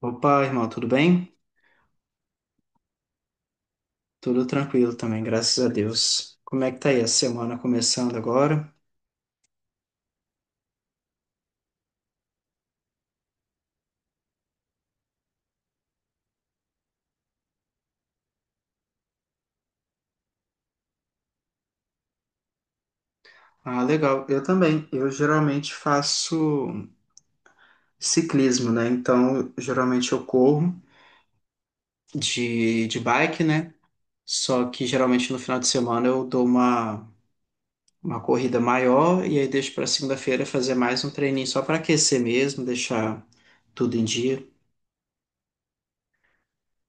Opa, irmão, tudo bem? Tudo tranquilo também, graças a Deus. Como é que tá aí a semana começando agora? Ah, legal. Eu também. Eu geralmente faço ciclismo, né? Então, geralmente eu corro de bike, né? Só que geralmente no final de semana eu dou uma corrida maior e aí deixo para segunda-feira fazer mais um treininho só para aquecer mesmo, deixar tudo em dia.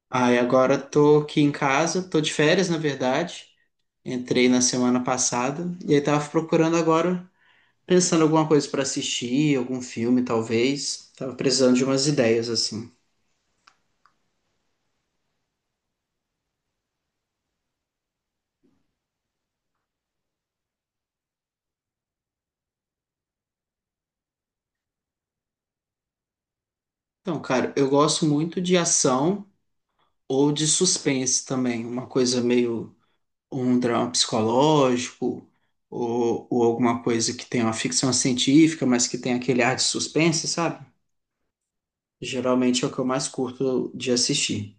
Aí agora tô aqui em casa, tô de férias, na verdade. Entrei na semana passada e aí tava procurando agora, pensando alguma coisa pra assistir, algum filme talvez. Tava precisando de umas ideias assim. Então, cara, eu gosto muito de ação ou de suspense também, uma coisa meio um drama psicológico ou alguma coisa que tem uma ficção científica, mas que tem aquele ar de suspense, sabe? Geralmente é o que eu mais curto de assistir.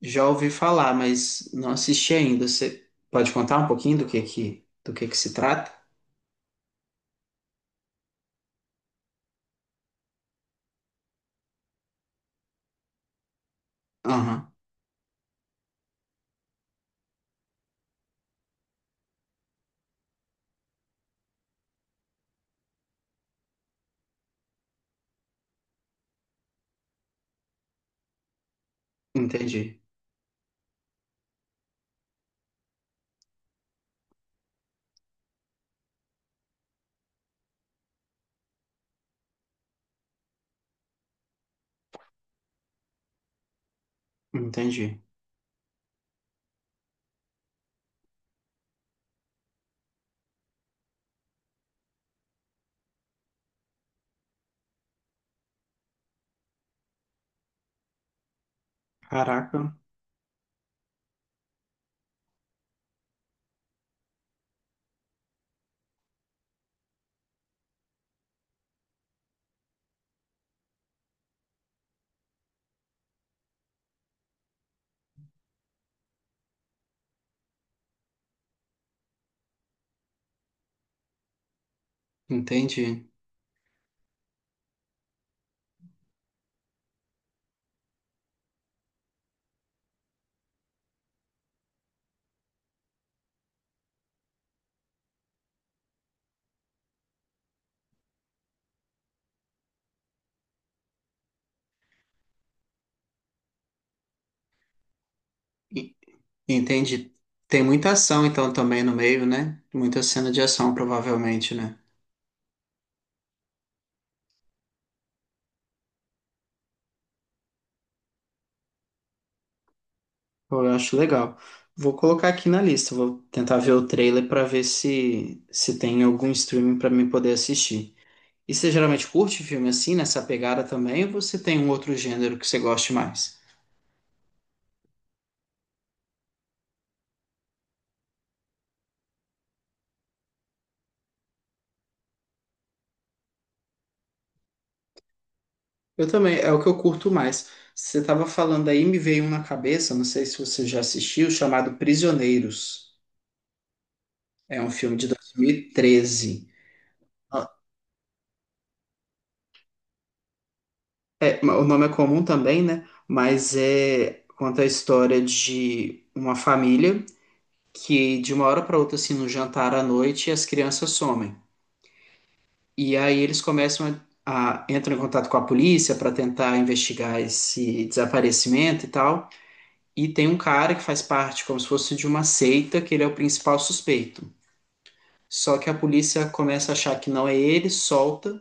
Já ouvi falar, mas não assisti ainda. Você pode contar um pouquinho do que que se trata? Aham, entendi, entendi. Caraca, entendi. E- Entendi. Tem muita ação então também no meio, né? Muita cena de ação, provavelmente, né? Pô, eu acho legal. Vou colocar aqui na lista, vou tentar ver o trailer pra ver se tem algum streaming pra mim poder assistir. E você geralmente curte filme assim, nessa pegada também, ou você tem um outro gênero que você goste mais? Eu também, é o que eu curto mais. Você estava falando aí, me veio um na cabeça, não sei se você já assistiu, chamado Prisioneiros. É um filme de 2013. Ah, é, o nome é comum também, né? Mas é conta a história de uma família que de uma hora para outra, assim, no jantar à noite, as crianças somem. E aí eles começam a entram em contato com a polícia para tentar investigar esse desaparecimento e tal. E tem um cara que faz parte como se fosse de uma seita, que ele é o principal suspeito. Só que a polícia começa a achar que não é ele, solta,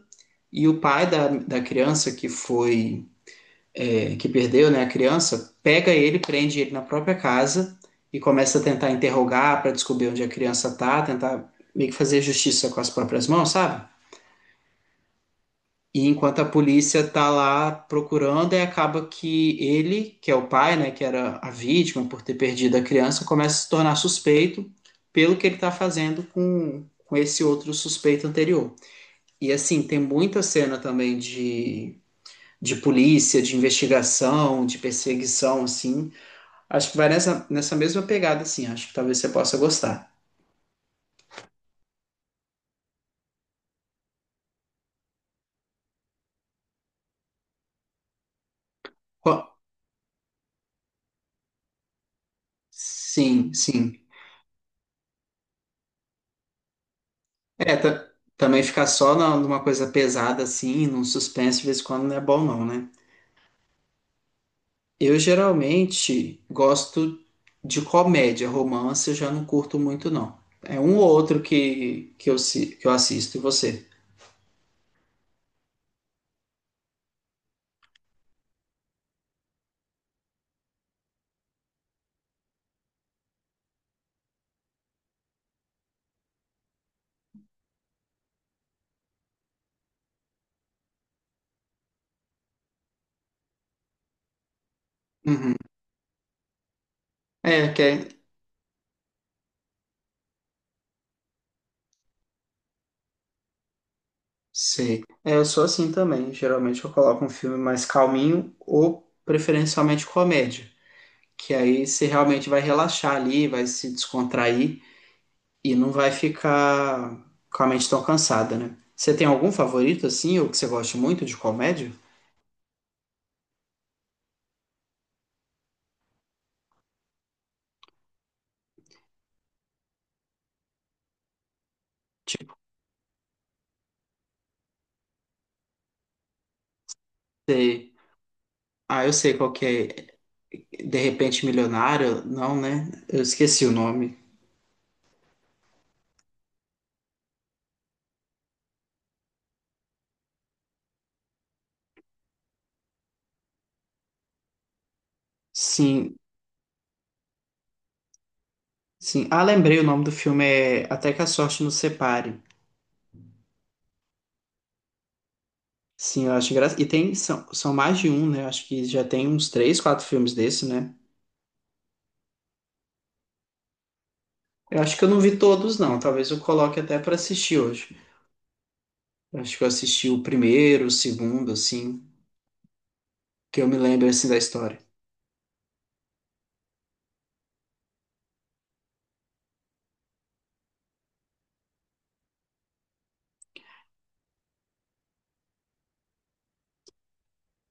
e o pai da criança que foi, que perdeu, né, a criança, pega ele, prende ele na própria casa e começa a tentar interrogar para descobrir onde a criança tá, tentar meio que fazer justiça com as próprias mãos, sabe? E enquanto a polícia tá lá procurando, aí acaba que ele, que é o pai, né, que era a vítima por ter perdido a criança, começa a se tornar suspeito pelo que ele tá fazendo com esse outro suspeito anterior. E assim, tem muita cena também de polícia, de investigação, de perseguição, assim. Acho que vai nessa mesma pegada, assim. Acho que talvez você possa gostar. Qual- Sim, sim. É, ta- também ficar só na- numa coisa pesada assim, num suspense de vez em quando não é bom não, né? Eu geralmente gosto de comédia, romance eu já não curto muito não. É um ou outro que eu assisto, e você? Uhum. É, que é, sei. É, eu sou assim também, geralmente eu coloco um filme mais calminho ou preferencialmente comédia, que aí você realmente vai relaxar ali, vai se descontrair. E não vai ficar com a mente tão cansada, né? Você tem algum favorito, assim, ou que você goste muito de comédia? Tipo, você... Ah, eu sei qual que é. De Repente Milionário? Não, né? Eu esqueci o nome. Sim, sim. Ah, lembrei, o nome do filme é Até que a Sorte Nos Separe. Sim, eu acho engraçado. E tem, são, são mais de um, né? Eu acho que já tem uns três, quatro filmes desse, né? Eu acho que eu não vi todos, não. Talvez eu coloque até pra assistir hoje. Eu acho que eu assisti o primeiro, o segundo, assim, que eu me lembro, assim, da história.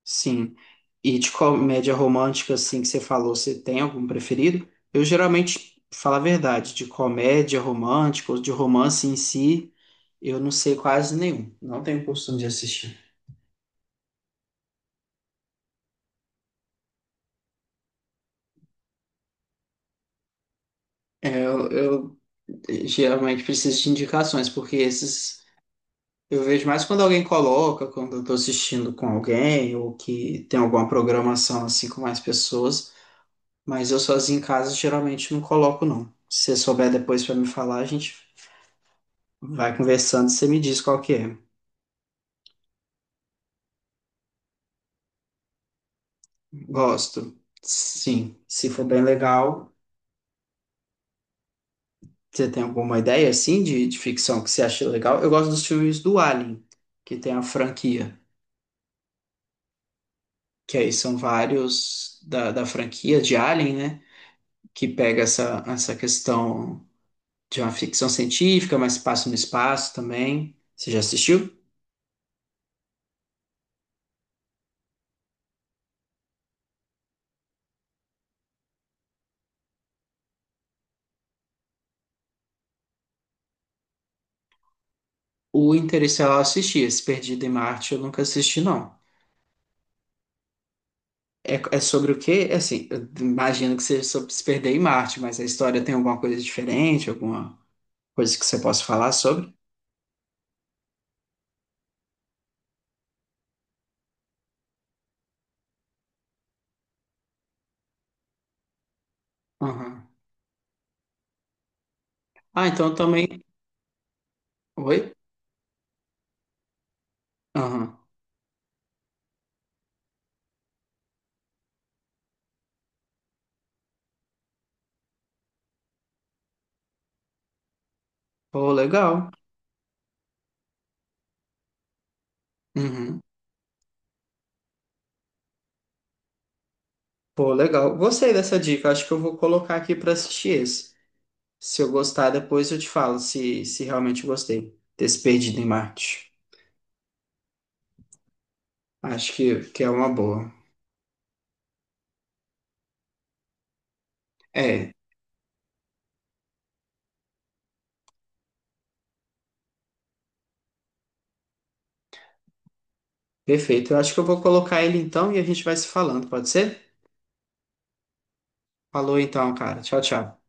Sim. E de comédia romântica, assim, que você falou, você tem algum preferido? Eu geralmente, falo a verdade, de comédia romântica ou de romance em si, eu não sei quase nenhum. Não tenho costume de assistir. É, eu geralmente preciso de indicações, porque esses eu vejo mais quando alguém coloca, quando eu tô assistindo com alguém, ou que tem alguma programação assim com mais pessoas, mas eu sozinho em casa geralmente não coloco, não. Se você souber depois pra me falar, a gente vai conversando e você me diz qual que é. Gosto. Sim. Se for bem legal, você tem alguma ideia assim de ficção que você acha legal? Eu gosto dos filmes do Alien, que tem a franquia, que aí são vários da franquia de Alien, né? Que pega essa questão de uma ficção científica, mas passa no espaço também. Você já assistiu? O Interestelar eu assisti, esse Perdido em Marte eu nunca assisti, não. É, é sobre o quê? É assim, eu imagino que seja sobre se perder em Marte, mas a história tem alguma coisa diferente, alguma coisa que você possa falar sobre? Aham. Ah, então também. Oi? Aham. Pô, legal. Uhum. Pô, legal. Gostei dessa dica. Acho que eu vou colocar aqui para assistir esse. Se eu gostar, depois eu te falo se, se realmente gostei desse Perdido em Marte. Acho que é uma boa. É, perfeito. Eu acho que eu vou colocar ele então e a gente vai se falando, pode ser? Falou então, cara. Tchau, tchau.